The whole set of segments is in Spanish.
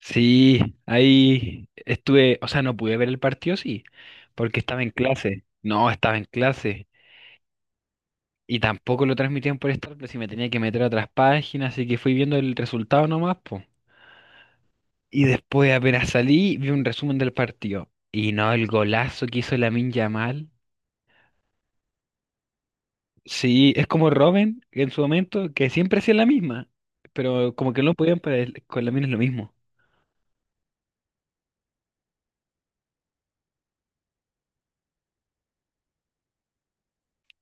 Sí, ahí estuve, o sea, no pude ver el partido, sí, porque estaba en clase. No, estaba en clase. Y tampoco lo transmitían por Star Plus y me tenía que meter a otras páginas, así que fui viendo el resultado nomás, po. Y después apenas salí, vi un resumen del partido. Y no, el golazo que hizo Lamine Yamal. Sí, es como Robin en su momento, que siempre hacía la misma, pero como que no podían para él, con Lamine es lo mismo.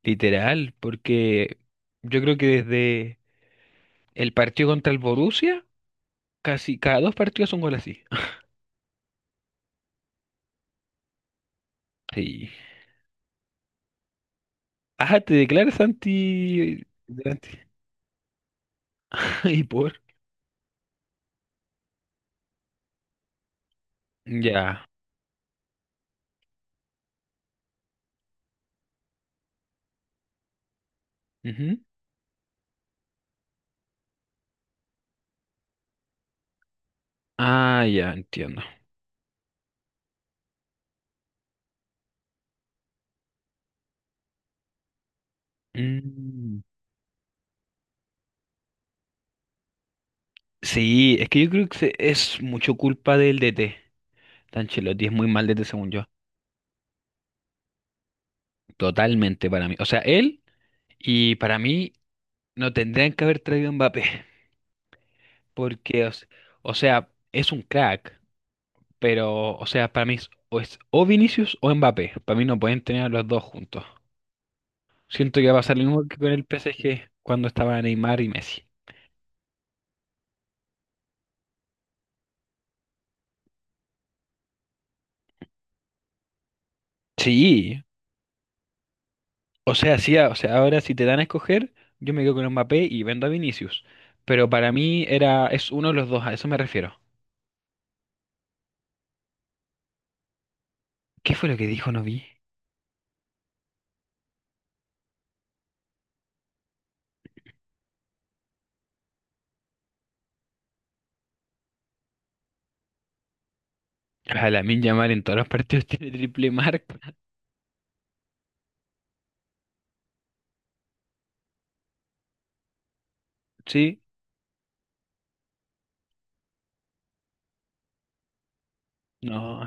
Literal, porque yo creo que desde el partido contra el Borussia. Casi cada dos partidos un gol así. Sí. Ah, te declaras anti... delante. Y por... Ya. Ujú. Ah, ya, entiendo. Mm. Sí, es que yo creo que es mucho culpa del DT. Ancelotti es muy mal DT según yo. Totalmente para mí. O sea, él y para mí no tendrían que haber traído a Mbappé. Porque, o sea, es un crack. Pero, o sea, para mí es o Vinicius o Mbappé. Para mí no pueden tener a los dos juntos. Siento que va a pasar lo mismo que con el PSG cuando estaba Neymar y Messi. Sí, o sea, sí, o sea, ahora si te dan a escoger, yo me quedo con Mbappé y vendo a Vinicius. Pero para mí era, es uno de los dos, a eso me refiero. ¿Qué fue lo que dijo? No vi. A Lamine Yamal en todos los partidos tiene triple marca. Sí, no,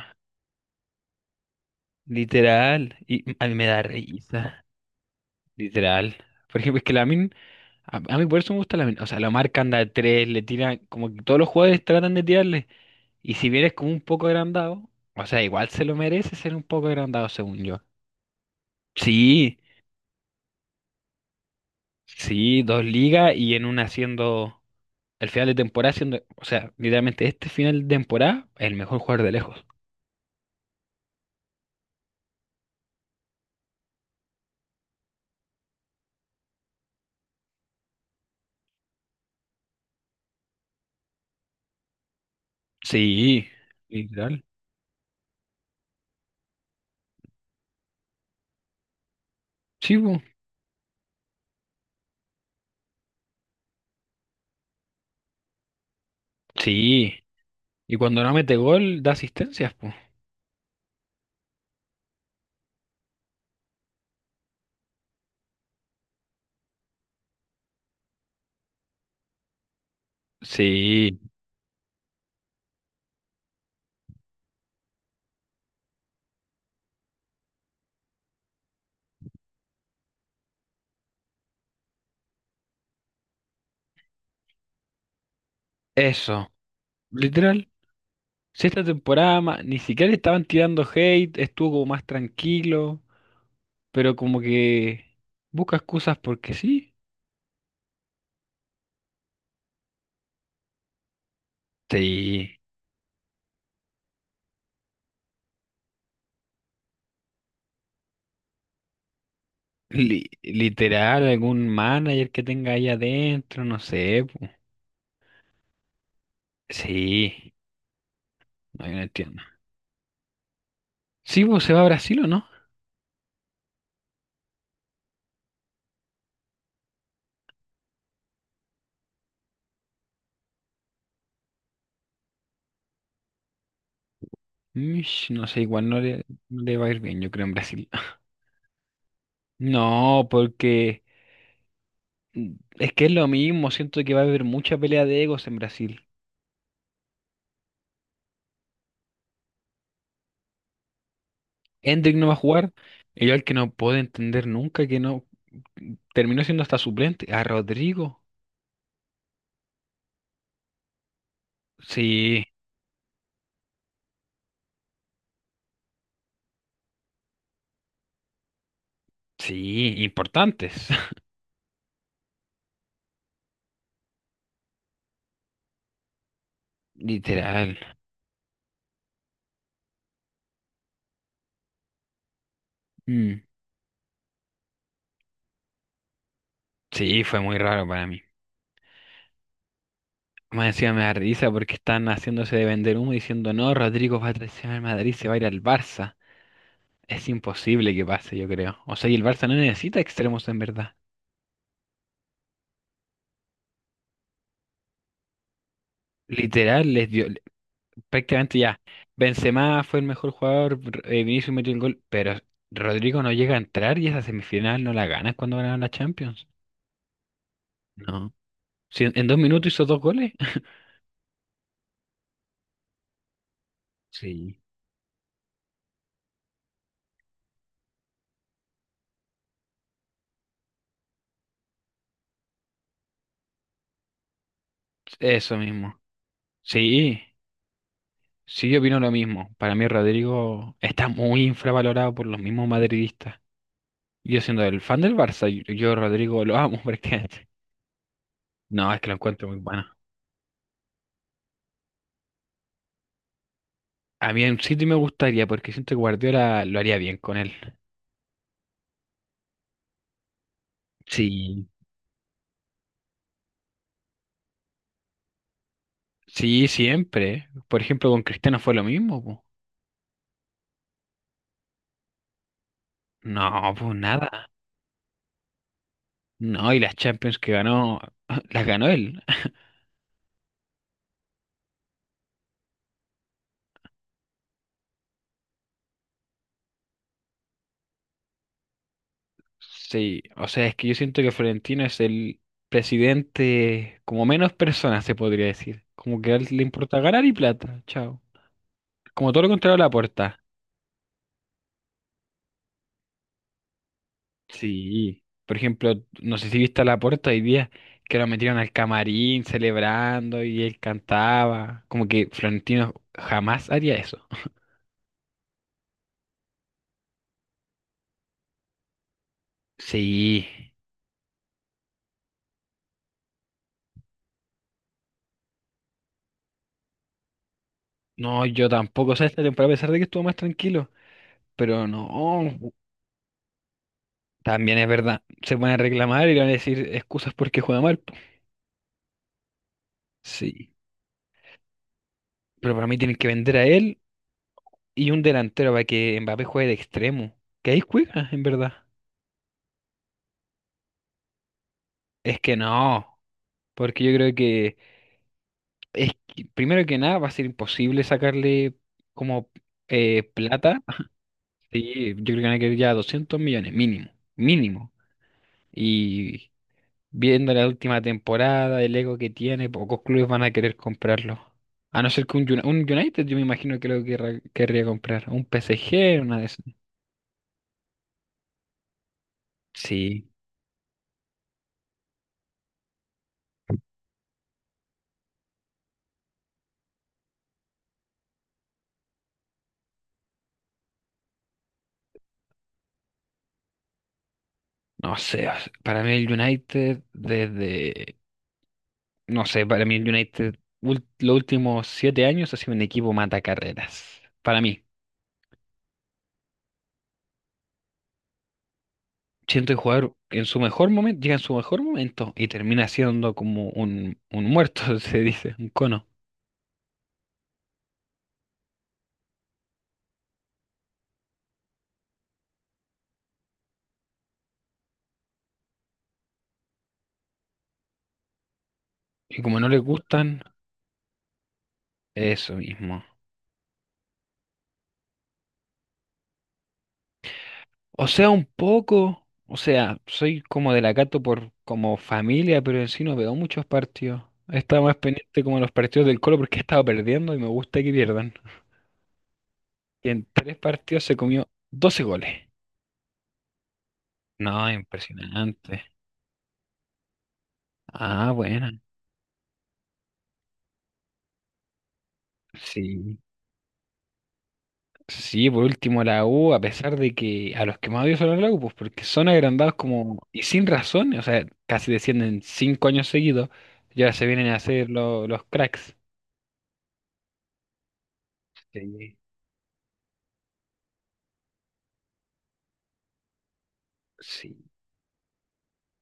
literal. Y a mí me da risa, literal. Por ejemplo, es que la A, a mí por eso me gusta o sea, la marca anda de tres, como que todos los jugadores tratan de tirarle. Y si vienes como un poco agrandado, o sea, igual se lo merece ser un poco agrandado, según yo. Sí, sí, dos ligas y en una siendo el final de temporada siendo, o sea, literalmente este final de temporada, el mejor jugador de lejos. Sí, literal. Sí, po. Sí. Y cuando no mete gol, da asistencias, pues. Sí, eso. Literal. Si esta temporada ni siquiera le estaban tirando hate, estuvo como más tranquilo, pero como que busca excusas porque sí. Sí. Literal, algún manager que tenga ahí adentro, no sé, po. Sí, no, yo no entiendo. Sí, pues ¿se va a Brasil o no? Mish, no sé, igual no le va a ir bien, yo creo, en Brasil. No, porque mm, es que es lo mismo, siento que va a haber mucha pelea de egos en Brasil. Hendrick no va a jugar. Y yo al que no puedo entender nunca que no terminó siendo hasta suplente. A Rodrigo. Sí, sí, importantes. Literal. Mm. Sí, fue muy raro para mí. Más encima me da risa porque están haciéndose de vender humo diciendo, no, Rodrigo va a traicionar al Madrid, se va a ir al Barça. Es imposible que pase, yo creo. O sea, y el Barça no necesita extremos en verdad. Literal, les dio, prácticamente ya. Benzema fue el mejor jugador, Vinicius metió el gol, pero Rodrigo no llega a entrar y esa semifinal no la ganan cuando ganaron la Champions. No, si en 2 minutos hizo dos goles. Sí. Eso mismo. Sí, sí, yo opino lo mismo. Para mí Rodrigo está muy infravalorado por los mismos madridistas. Yo siendo el fan del Barça, yo Rodrigo lo amo prácticamente. No, es que lo encuentro muy bueno. A mí en City me gustaría porque siento que Guardiola lo haría bien con él. Sí, sí, siempre. Por ejemplo, con Cristiano fue lo mismo, po. No, pues nada. No, y las Champions que ganó, las ganó él. Sí, o sea, es que yo siento que Florentino es el presidente como menos personas, se podría decir. Como que a él le importa ganar y plata, chao. Como todo lo contrario a Laporta. Sí. Por ejemplo, no sé si viste a Laporta hoy día, que lo metieron al camarín celebrando y él cantaba. Como que Florentino jamás haría eso. Sí. No, yo tampoco, o sea, esta temporada, a pesar de que estuvo más tranquilo, pero no, también es verdad, se van a reclamar y le van a decir excusas porque juega mal, po. Sí, pero para mí tienen que vender a él y un delantero para que Mbappé juegue de extremo, que ahí juega, en verdad. Es que no, porque yo creo que, es que, primero que nada va a ser imposible sacarle como plata, sí, yo creo que van a querer ya 200 millones mínimo, mínimo. Y viendo la última temporada, el ego que tiene, pocos clubes van a querer comprarlo. A no ser que un, un United, yo me imagino que lo querría comprar. Un PSG, una de esas. Sí, no sé, o sea, para mí el United, desde. No sé, para mí el United, los últimos 7 años ha sido un equipo mata carreras. Para mí. Siento el jugador en su mejor momento, llega en su mejor momento y termina siendo como un muerto, se dice, un cono. Y como no le gustan, eso mismo. O sea, un poco, o sea, soy como de la Cato por como familia, pero en sí no veo muchos partidos. He estado más pendiente como de los partidos del Colo porque he estado perdiendo y me gusta que pierdan. Y en 3 partidos se comió 12 goles. No, impresionante. Ah, bueno. Sí. Sí, por último la U, a pesar de que a los que más odio son a la U, pues porque son agrandados como y sin razón, o sea, casi descienden 5 años seguidos, ya se vienen a hacer los cracks. Sí. Sí,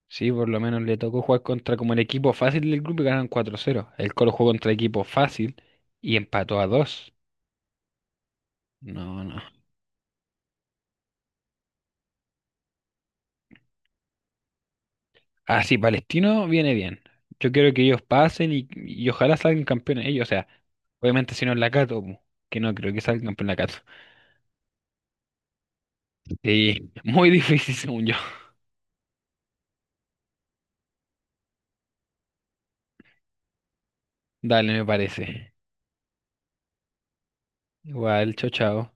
sí, por lo menos le tocó jugar contra como el equipo fácil del grupo y ganaron 4-0. El Colo jugó contra equipo fácil y empató a dos. No, no. Ah, sí, Palestino viene bien. Yo quiero que ellos pasen y ojalá salgan campeones ellos. O sea, obviamente si no es la Cato, pu, que no creo que salgan campeón la Cato. Sí, muy difícil según yo. Dale, me parece. Igual, chao, chao.